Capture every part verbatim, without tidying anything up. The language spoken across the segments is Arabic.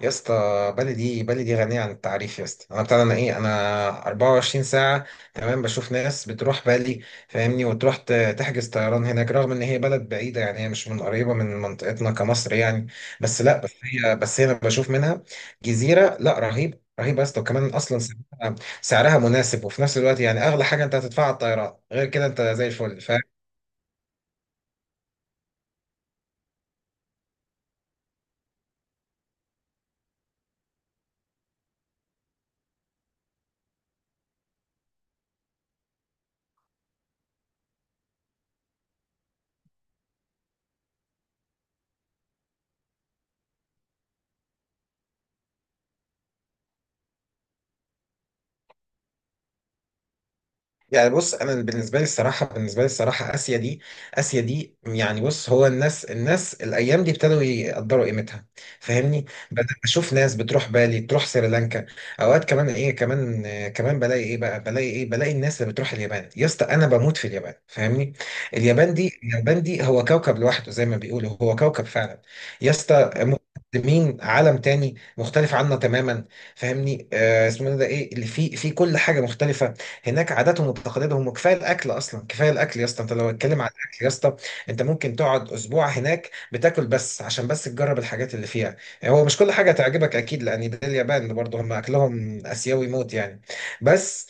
يا اسطى، بلدي بلدي غنية عن التعريف يا اسطى. انا بتاع انا ايه انا 24 ساعة تمام بشوف ناس بتروح بالي، فاهمني؟ وتروح ت- تحجز طيران هناك، رغم ان هي بلد بعيدة. يعني هي مش من قريبة من منطقتنا كمصر يعني. بس لا بس هي بس هي انا بشوف منها جزيرة. لا، رهيب رهيب يا اسطى. وكمان اصلا سعرها سعرها مناسب، وفي نفس الوقت يعني اغلى حاجة انت هتدفعها على الطيران، غير كده انت زي الفل. يعني بص، انا بالنسبه لي الصراحه بالنسبه لي الصراحه اسيا دي اسيا دي يعني بص، هو الناس الناس الايام دي ابتدوا يقدروا قيمتها، فاهمني؟ بدأت اشوف ناس بتروح بالي، تروح سريلانكا. اوقات كمان ايه كمان آه، كمان بلاقي ايه بقى، بلاقي ايه، بلاقي الناس اللي بتروح اليابان. يا اسطى، انا بموت في اليابان، فاهمني؟ اليابان دي اليابان دي هو كوكب لوحده، زي ما بيقولوا هو كوكب فعلا يا اسطى. مقدمين عالم تاني مختلف عنا تماما، فاهمني؟ آه اسمه ده ايه اللي فيه، في كل حاجه مختلفه هناك. عاداتهم وتقاليدهم، وكفايه الاكل، اصلا كفايه الاكل يا اسطى. انت لو اتكلم على الاكل يا اسطى، انت ممكن تقعد اسبوع هناك بتاكل، بس عشان بس تجرب الحاجات اللي فيها. يعني هو مش كل حاجه تعجبك اكيد، لان ده اليابان برضه، هم اكلهم اسيوي موت يعني. بس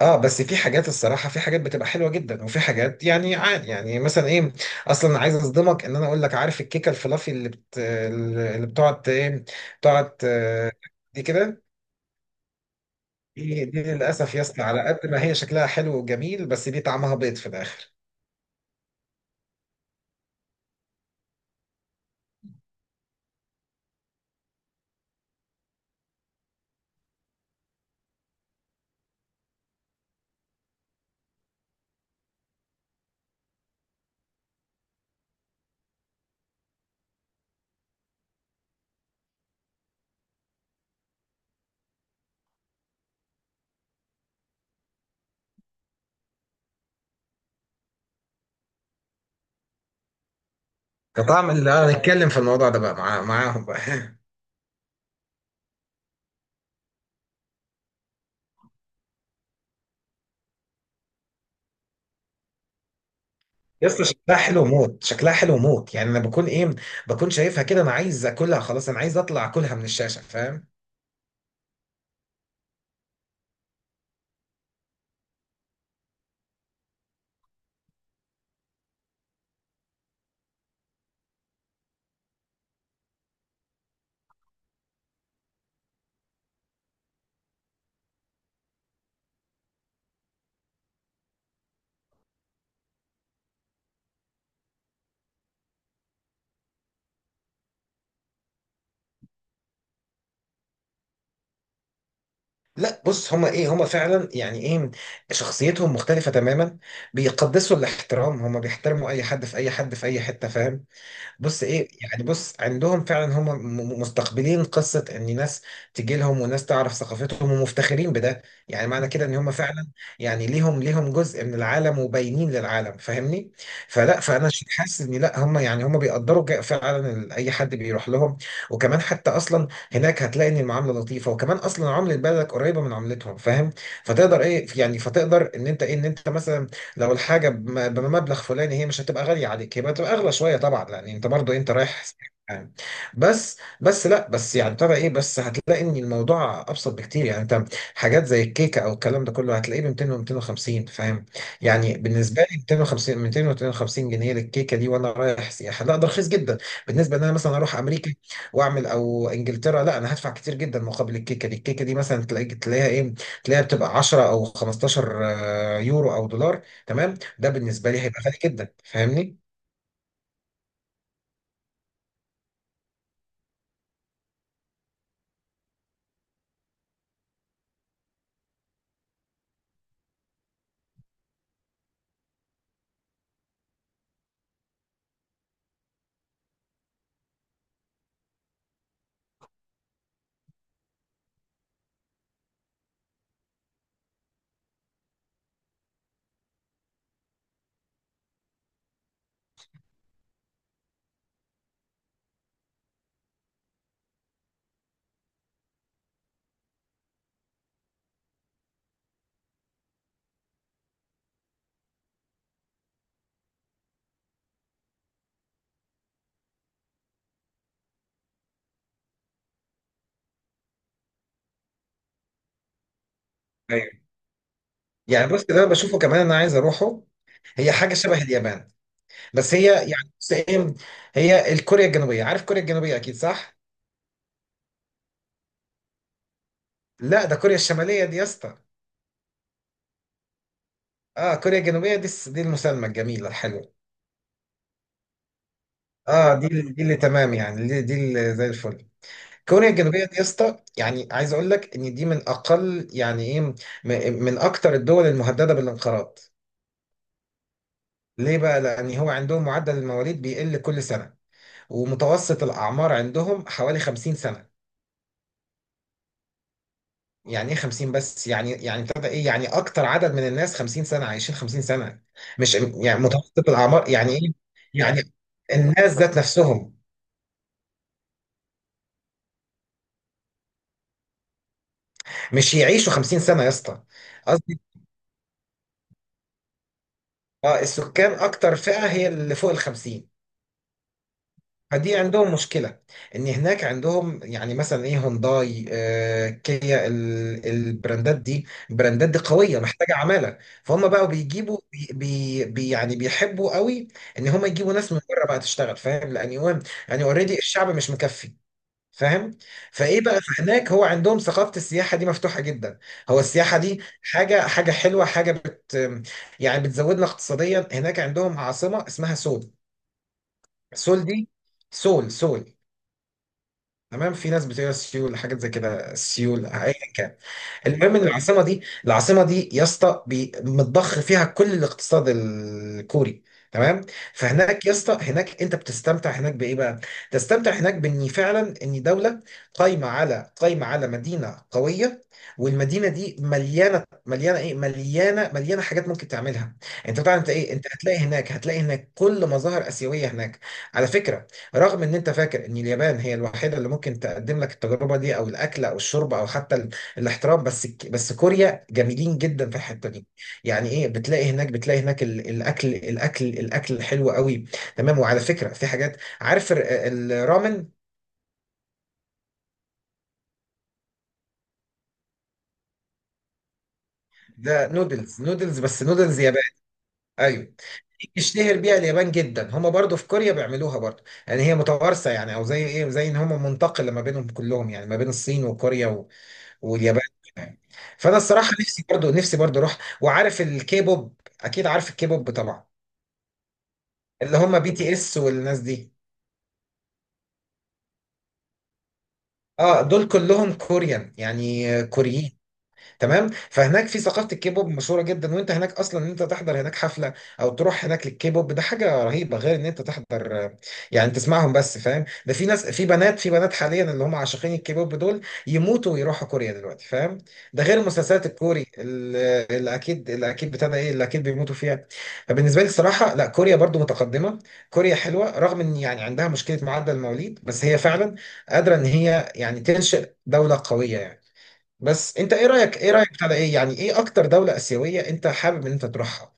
اه، بس في حاجات، الصراحه في حاجات بتبقى حلوه جدا، وفي حاجات يعني عادي. يعني مثلا ايه، اصلا عايز اصدمك، ان انا اقول لك عارف الكيكه الفلافي اللي بت... اللي بتقعد ايه، بتقعد آه، دي كده؟ دي دي للأسف يا اسطى، على قد ما هي شكلها حلو وجميل، بس دي طعمها بيض في الآخر. كطعم اللي هنتكلم في الموضوع ده بقى مع... معاهم بقى يا اسطى شكلها حلو موت، شكلها حلو موت. يعني أنا بكون إيه، بكون شايفها كده، أنا عايز أكلها، خلاص أنا عايز أطلع أكلها من الشاشة، فاهم؟ لا بص، هما ايه هما فعلا يعني ايه، شخصيتهم مختلفة تماما. بيقدسوا الاحترام، هما بيحترموا اي حد، في اي حد في اي حتة، فاهم؟ بص ايه يعني، بص عندهم فعلا، هم م- م- مستقبلين قصه ان ناس تجي لهم، وناس تعرف ثقافتهم ومفتخرين بده. يعني معنى كده ان هم فعلا يعني ليهم ليهم جزء من العالم، وباينين للعالم، فاهمني؟ فلا، فانا ش- حاسس ان لا، هم يعني هم بيقدروا جا- فعلا ال- اي حد بيروح لهم. وكمان حتى اصلا هناك هتلاقي ان المعامله لطيفه، وكمان اصلا عمله بلدك قريبه من عملتهم، فاهم؟ فتقدر ايه يعني، فتقدر ان انت ايه، ان انت مثلا لو الحاجة بم- بمبلغ فلاني، هي مش هتبقى غالية عليك، هي بتبقى أغلى شوية طبعا، لأن أنت برضو أنت رايح يعني. بس بس لا بس يعني ابتدى إيه، بس هتلاقي إن الموضوع أبسط بكتير. يعني أنت حاجات زي الكيكة أو الكلام ده كله هتلاقيه ب ميتين و ميتين وخمسين فاهم؟ يعني بالنسبة لي، ميتين وخمسين ميتين و ميتين وخمسين جنيه للكيكة دي وأنا رايح سياحة، لا ده رخيص جدا. بالنسبة إن أنا مثلا أروح أمريكا وأعمل، أو إنجلترا، لا أنا هدفع كتير جدا مقابل الكيكة دي. الكيكة دي مثلا تلاقي تلاقيها إيه، تلاقيها بتبقى عشرة أو خمستاشر يورو أو دولار. تمام، ده بالنسبه لي هيبقى غالي جدا، فاهمني؟ ايوه يعني، بص ده أنا بشوفه كمان، انا عايز اروحه. هي حاجه شبه اليابان، بس هي يعني بص ايه، هي الكوريا الجنوبيه، عارف كوريا الجنوبيه اكيد صح. لا، ده كوريا الشماليه دي يا اسطى. اه كوريا الجنوبيه دي، الس- دي المسالمه الجميله الحلوه. اه، دي اللي- دي اللي تمام يعني، دي, دي اللي زي الفل. كوريا الجنوبيه دي يا اسطى، يعني عايز اقول لك ان دي من اقل يعني ايه، م- من اكتر الدول المهدده بالانقراض. ليه بقى؟ لان هو عندهم معدل المواليد بيقل كل سنه. ومتوسط الأعمار عندهم حوالي خمسين سنة. يعني إيه خمسين بس يعني، يعني ابتدى إيه، يعني أكتر عدد من الناس خمسين سنة، عايشين خمسين سنة، مش يعني متوسط الأعمار يعني إيه، يعني الناس ذات نفسهم مش يعيشوا خمسين سنة يا اسطى. قصدي، اه السكان أكتر فئة هي اللي فوق ال خمسين. فدي عندهم مشكلة، ان هناك عندهم يعني مثلا ايه، هونداي آه كيا، ال- البراندات دي، البراندات دي قوية محتاجة عمالة. فهم بقوا بيجيبوا بي بي بي- يعني بيحبوا قوي ان هم يجيبوا ناس من بره بقى تشتغل، فاهم؟ لان يوم يعني اوريدي الشعب مش مكفي، فاهم؟ فايه بقى، فهناك هو عندهم ثقافة السياحة دي مفتوحة جدا. هو السياحة دي حاجة حاجة حلوة، حاجة بت يعني بتزودنا اقتصاديا. هناك عندهم عاصمة اسمها سول. سول دي سول سول تمام. في ناس بتقرا سيول، حاجات زي كده، سيول ايا كان. المهم ان العاصمه دي العاصمه دي يا اسطى بي- متضخ فيها كل الاقتصاد الكوري، تمام. فهناك يا اسطى، هناك انت بتستمتع هناك بايه بقى، تستمتع هناك بان فعلا ان دوله قايمه على قايمه على مدينه قويه. والمدينه دي مليانه مليانه ايه مليانه مليانه حاجات ممكن تعملها. انت طبعا انت ايه انت هتلاقي هناك هتلاقي هناك كل مظاهر اسيويه هناك، على فكره. رغم ان انت فاكر ان اليابان هي الوحيده اللي ممكن تقدم لك التجربه دي، او الاكل او الشرب او حتى ال- الاحترام، بس بس كوريا جميلين جدا في الحته دي. يعني ايه، بتلاقي هناك، بتلاقي هناك ال- الاكل الاكل الاكل حلو قوي. تمام، وعلى فكره في حاجات، عارف ال- الرامن؟ ده نودلز، نودلز بس نودلز يابان. ايوه، اشتهر بيها اليابان جدا. هما برضو في كوريا بيعملوها برضو، يعني هي متوارثه يعني، او زي ايه، زي ان هما منتقله ما بينهم كلهم، يعني ما بين الصين وكوريا واليابان يعني. فانا الصراحه نفسي برضو نفسي برضو اروح. وعارف الكيبوب اكيد، عارف الكيبوب طبعا، اللي هم بي تي اس والناس دي. اه دول كلهم كوريان يعني كوريين. تمام، فهناك في ثقافه الكيبوب مشهوره جدا. وانت هناك اصلا، ان انت تحضر هناك حفله او تروح هناك للكيبوب، ده حاجه رهيبه، غير ان انت تحضر آه، يعني تسمعهم بس، فاهم؟ ده في ناس، في بنات في بنات حاليا اللي هم عاشقين الكيبوب دول، يموتوا ويروحوا كوريا دلوقتي، فاهم؟ ده غير مسلسلات الكوري، اللي اللي اكيد اللي اكيد بتاع ده ايه، اللي اكيد بيموتوا فيها. فبالنسبه لي الصراحه لا، كوريا برضو متقدمه، كوريا حلوه، رغم ان يعني عندها مشكله معدل المواليد، بس هي فعلا قادره ان هي يعني تنشئ دوله قويه يعني. بس انت ايه رايك، ايه رايك بتاع ده ايه يعني، ايه اكتر دوله اسيويه انت حابب ان انت تروحها؟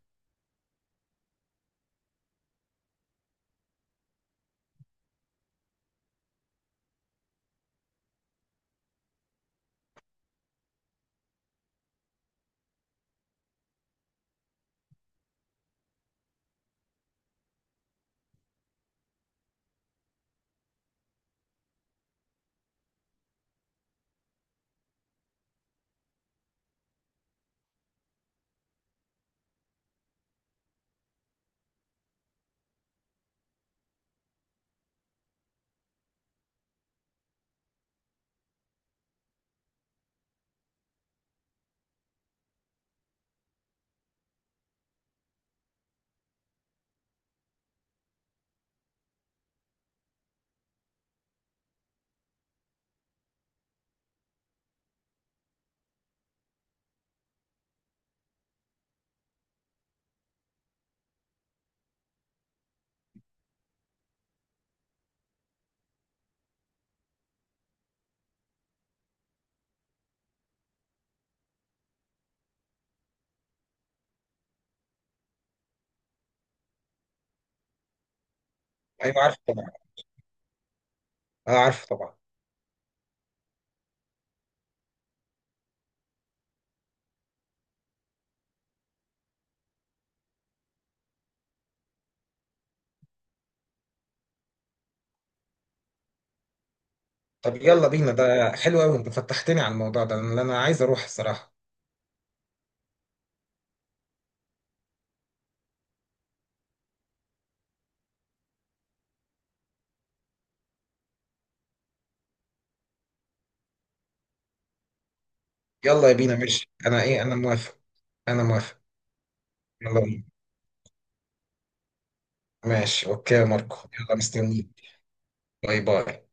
ايوه عارف طبعا، اه عارف طبعا. طب يلا بينا، ده حلو قوي، انت فتحتني على الموضوع ده، لان انا عايز اروح الصراحه. يلا يا بينا، ماشي، انا ايه، انا موافق، انا موافق، يلا بينا. ماشي اوكي يا ماركو، يلا مستنيك. باي باي.